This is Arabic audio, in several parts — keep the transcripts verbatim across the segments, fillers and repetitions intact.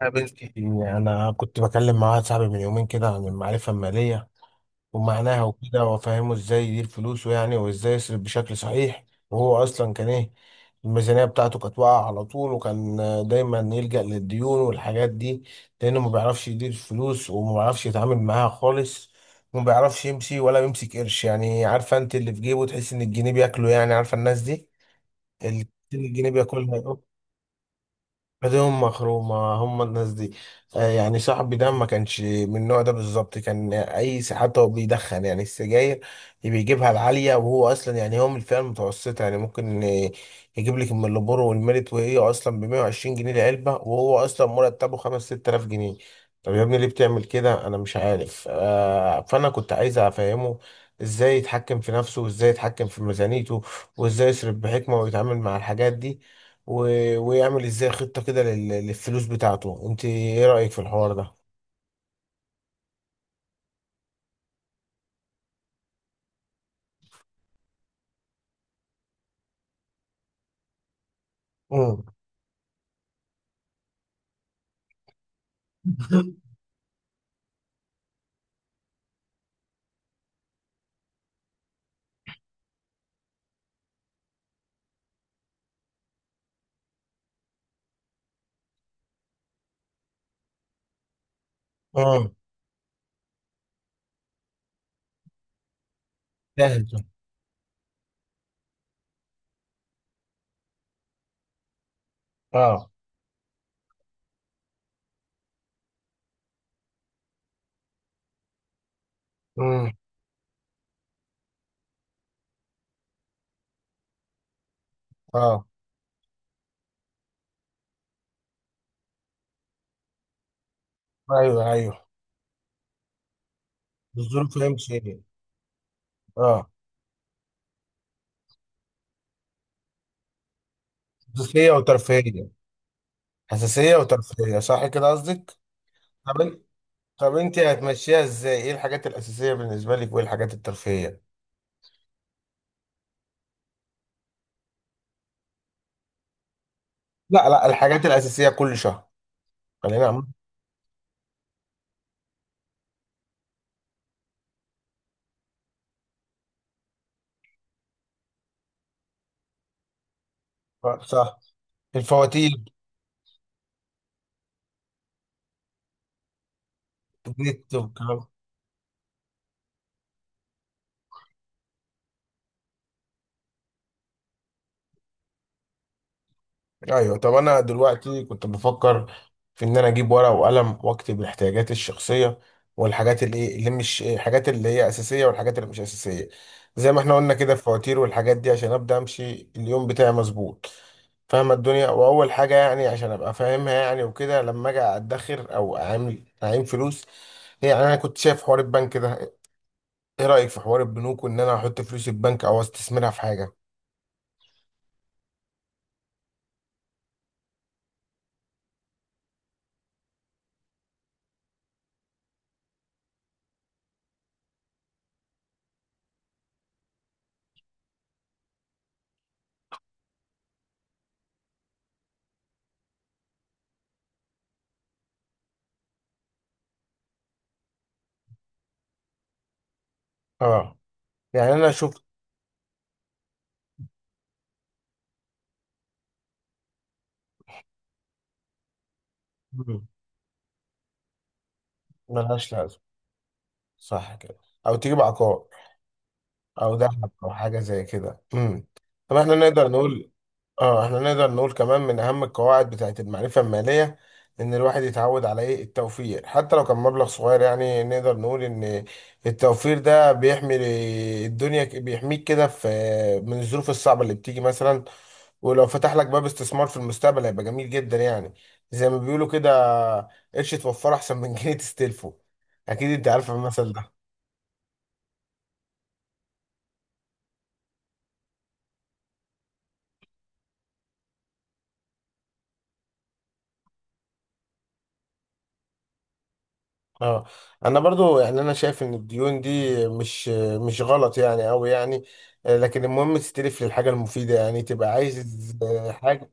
قابلتي، انا كنت بكلم مع واحد صاحبي من يومين كده عن المعرفه الماليه ومعناها وكده، وافهمه ازاي يدير فلوسه يعني، وازاي يصرف بشكل صحيح. وهو اصلا كان ايه؟ الميزانيه بتاعته كانت واقعه على طول، وكان دايما يلجأ للديون والحاجات دي، لانه ما بيعرفش يدير فلوس، وما بيعرفش يتعامل معاها خالص، وما بيعرفش يمشي ولا يمسك قرش. يعني عارفه انت اللي في جيبه تحس ان الجنيه بياكله، يعني عارفه الناس دي اللي الجنيه بياكلها، ايديهم مخرومة هم الناس دي. آه، يعني صاحبي ده ما كانش من النوع ده بالظبط. كان اي س- حتى هو بيدخن يعني السجاير، بيجيبها العالية، وهو اصلا يعني هو من الفئة المتوسطة. يعني ممكن آه، يجيب لك من اللبور والميريت، وهي اصلا ب مئة وعشرين جنيه العلبة، وهو اصلا مرتبه خمسة ست تلاف جنيه. طب يا ابني ليه بتعمل كده؟ انا مش عارف. آه، فانا كنت عايز افهمه ازاي يتحكم في نفسه، وازاي يتحكم في ميزانيته، وازاي يصرف بحكمة ويتعامل مع الحاجات دي، و... ويعمل ازاي خطة كده لل... للفلوس بتاعته. انت ايه رأيك في الحوار ده؟ امم. امم. جاهز. اه. امم. اه. ايوه، ايوه. الظروف، هي مش هي. اه. حساسية وترفيهية. حساسية وترفيهية، صح كده قصدك؟ طب انت طب انت هتمشيها ازاي؟ ايه الحاجات الأساسية بالنسبة لك وايه الحاجات الترفيهية؟ لا لا الحاجات الأساسية كل شهر. خلينا نعمل. صح. الفواتير. النت والكلام. ايوه. طب انا دلوقتي كنت بفكر في ان انا اجيب ورقه وقلم واكتب الاحتياجات الشخصيه والحاجات اللي إيه- اللي مش، الحاجات اللي هي اساسيه والحاجات اللي مش اساسيه، زي ما احنا قلنا كده، الفواتير والحاجات دي، عشان ابدا امشي اليوم بتاعي مظبوط، فاهم الدنيا. واول حاجه يعني عشان ابقى فاهمها يعني وكده، لما اجي ادخر او اعمل اعين فلوس، يعني انا كنت شايف حوار البنك ده. ايه رايك في حوار البنوك وان انا احط فلوسي في بنك او استثمرها في حاجه؟ اه. يعني انا شفت. مم. ملهاش لازمه، صح كده؟ او تجيب عقار، او ذهب، او حاجه زي كده. امم. طب احنا نقدر نقول، اه احنا نقدر نقول كمان، من اهم القواعد بتاعت المعرفه الماليه ان الواحد يتعود على ايه؟ التوفير. حتى لو كان مبلغ صغير يعني. نقدر نقول ان التوفير ده بيحمي الدنيا، بيحميك كده في، من الظروف الصعبه اللي بتيجي مثلا. ولو فتح لك باب استثمار في المستقبل هيبقى جميل جدا يعني. زي ما بيقولوا كده: قرش توفره احسن من جنيه تستلفه. اكيد انت عارف المثل ده. اه. انا برضو يعني انا شايف ان الديون دي مش مش غلط يعني قوي يعني. آه، لكن المهم تستلف للحاجه المفيده، يعني تبقى عايز حاجه.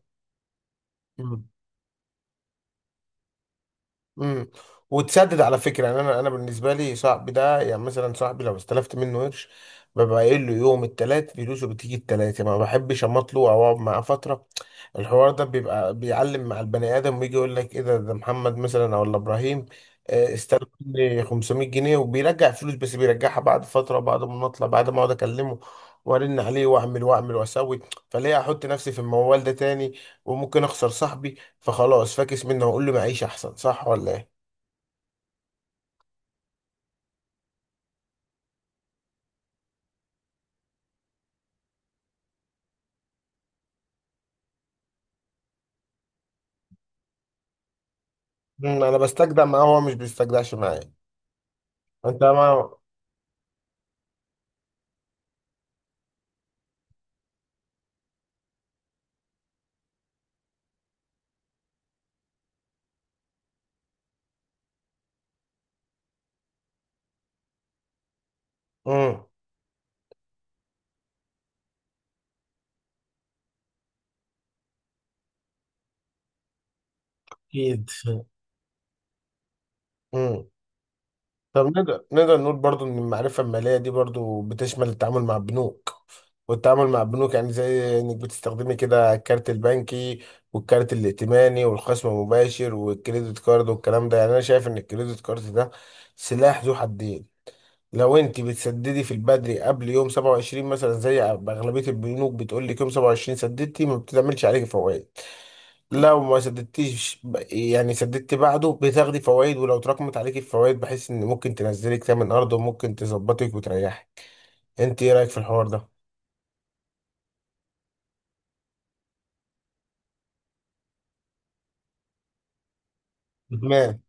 امم. وتسدد على فكره. يعني انا انا بالنسبه لي صاحبي ده، يعني مثلا صاحبي لو استلفت منه قرش، ببقى قايل له يوم التلات فلوسه بتيجي التلات، يعني ما بحبش اماطله او اقعد معاه فتره. الحوار ده بيبقى بيعلم مع البني ادم، ويجي يقول لك ايه؟ ده ده محمد مثلا، او ولا ابراهيم، آه، استلف مني خمسمئة جنيه وبيرجع فلوس، بس بيرجعها بعد فتره، بعد ما نطلع، بعد ما اقعد اكلمه وارن عليه واعمل واعمل واسوي. فليه احط نفسي في الموال ده تاني؟ وممكن اخسر صاحبي. فخلاص، فاكس منه، هقول له معيش احسن، صح ولا ايه؟ مم. انا بستجدع معاه، هو مش بيستجدعش معايا. انت ما. امم. اكيد. امم. طب نقدر نقدر نقول برضو ان المعرفة المالية دي برضو بتشمل التعامل مع البنوك. والتعامل مع البنوك يعني زي انك بتستخدمي كده الكارت البنكي، والكارت الائتماني، والخصم المباشر، والكريدت كارد، والكلام ده. يعني انا شايف ان الكريدت كارد ده سلاح ذو حدين. لو انت بتسددي في البدري قبل يوم سبعة وعشرين مثلا، زي اغلبيه البنوك بتقول لك يوم سبعة وعشرين سددتي ما بتعملش عليكي فوائد. لو ما سددتيش ب- يعني سددتي بعده، بتاخدي فوائد، ولو اتراكمت عليكي الفوائد بحيث ان ممكن تنزلك تمن ارض وممكن تظبطك وتريحي. انت ايه رايك في الحوار ده؟ ما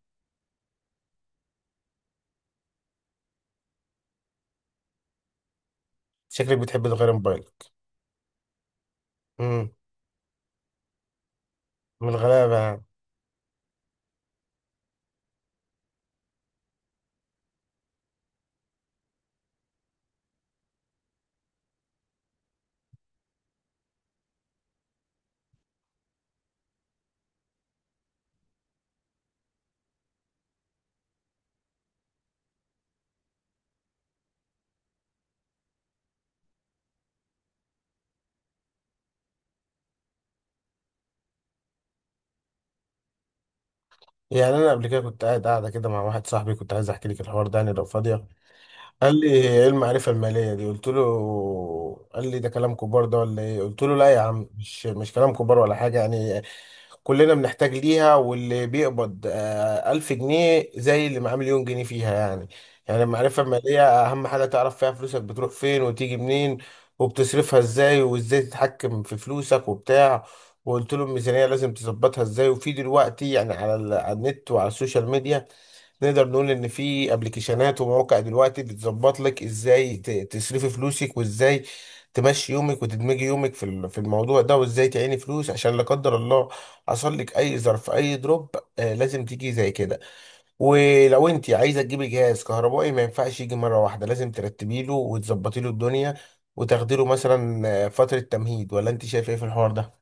شكلك بتحب تغير موبايلك. امم. من الغلابه يعني. يعني انا قبل كده كنت قاعد قاعده كده مع واحد صاحبي، كنت عايز احكي لك الحوار ده يعني لو فاضيه. قال لي: ايه المعرفة المالية دي؟ قلت له، قال لي: ده كلام كبار ده ولا ايه؟ قلت له: لا يا عم، مش مش كلام كبار ولا حاجة يعني. كلنا بنحتاج ليها، واللي بيقبض آه، ألف جنيه زي اللي معاه مليون جنيه فيها يعني. يعني المعرفة المالية أهم حاجة تعرف فيها فلوسك بتروح فين وتيجي منين، وبتصرفها ازاي، وازاي تتحكم في فلوسك وبتاع. وقلت له الميزانية لازم تظبطها ازاي. وفي دلوقتي يعني، على ال- على النت وعلى السوشيال ميديا، نقدر نقول ان في ابلكيشنات ومواقع دلوقتي بتظبط لك ازاي ت- تصرفي فلوسك، وازاي تمشي يومك، وتدمجي يومك في ال- في الموضوع ده، وازاي تعيني فلوس عشان لا قدر الله حصل لك اي ظرف، اي دروب، آه لازم تيجي زي كده. ولو انت عايزه تجيبي جهاز كهربائي، ما ينفعش يجي مره واحده، لازم ترتبي له وتظبطي له الدنيا وتاخدي له مثلا آه، فتره تمهيد. ولا انت شايف ايه في الحوار ده؟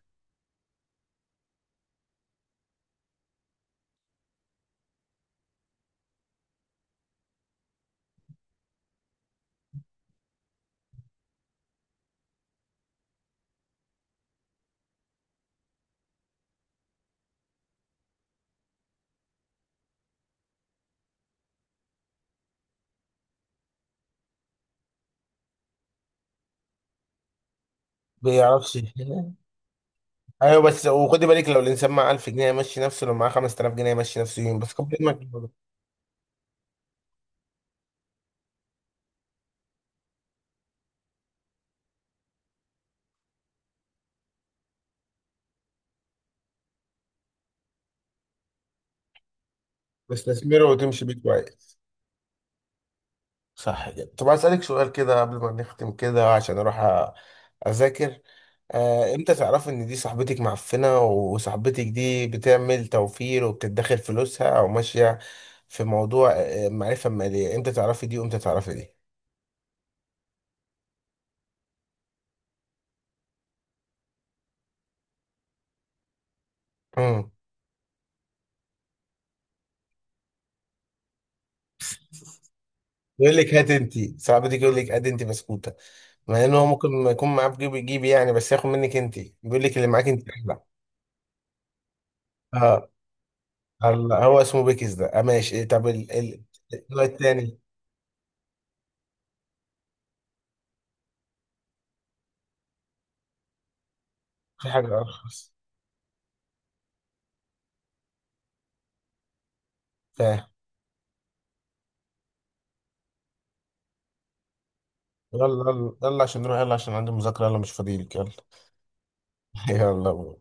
بيعرفش. ايوه بس وخدي بالك، لو الانسان معاه ألف جنيه يمشي نفسه، لو معاه خمس تلاف جنيه يمشي نفسه يوم بس قبل ما تستثمره وتمشي بيه كويس، صح كده؟ طب اسالك سؤال كده قبل ما نختم كده عشان اروح أ- اذاكر. آه، امتى تعرفي ان دي صاحبتك معفنه، وصاحبتك دي بتعمل توفير وبتدخر فلوسها او ماشيه في موضوع آه، معرفه ماليه؟ امتى تعرفي دي وامتى تعرفي دي؟ امم. يقول لك هات، انت صاحبتك يقول لك هات انت بسكوته، مع ان هو ممكن ما يكون معاه في جيبي جيبي يعني، بس ياخد منك انت، بيقول لك اللي معاك انت احلى. اه. الله، هو اسمه بيكس ده آه، ماشي إيه، طب ال ال النوع التاني. في حاجة ارخص. فاهم. يلا يلا يلا عشان نروح، يلا عشان عندي مذاكرة، يلا مش فاضيلك، يلا. يلا.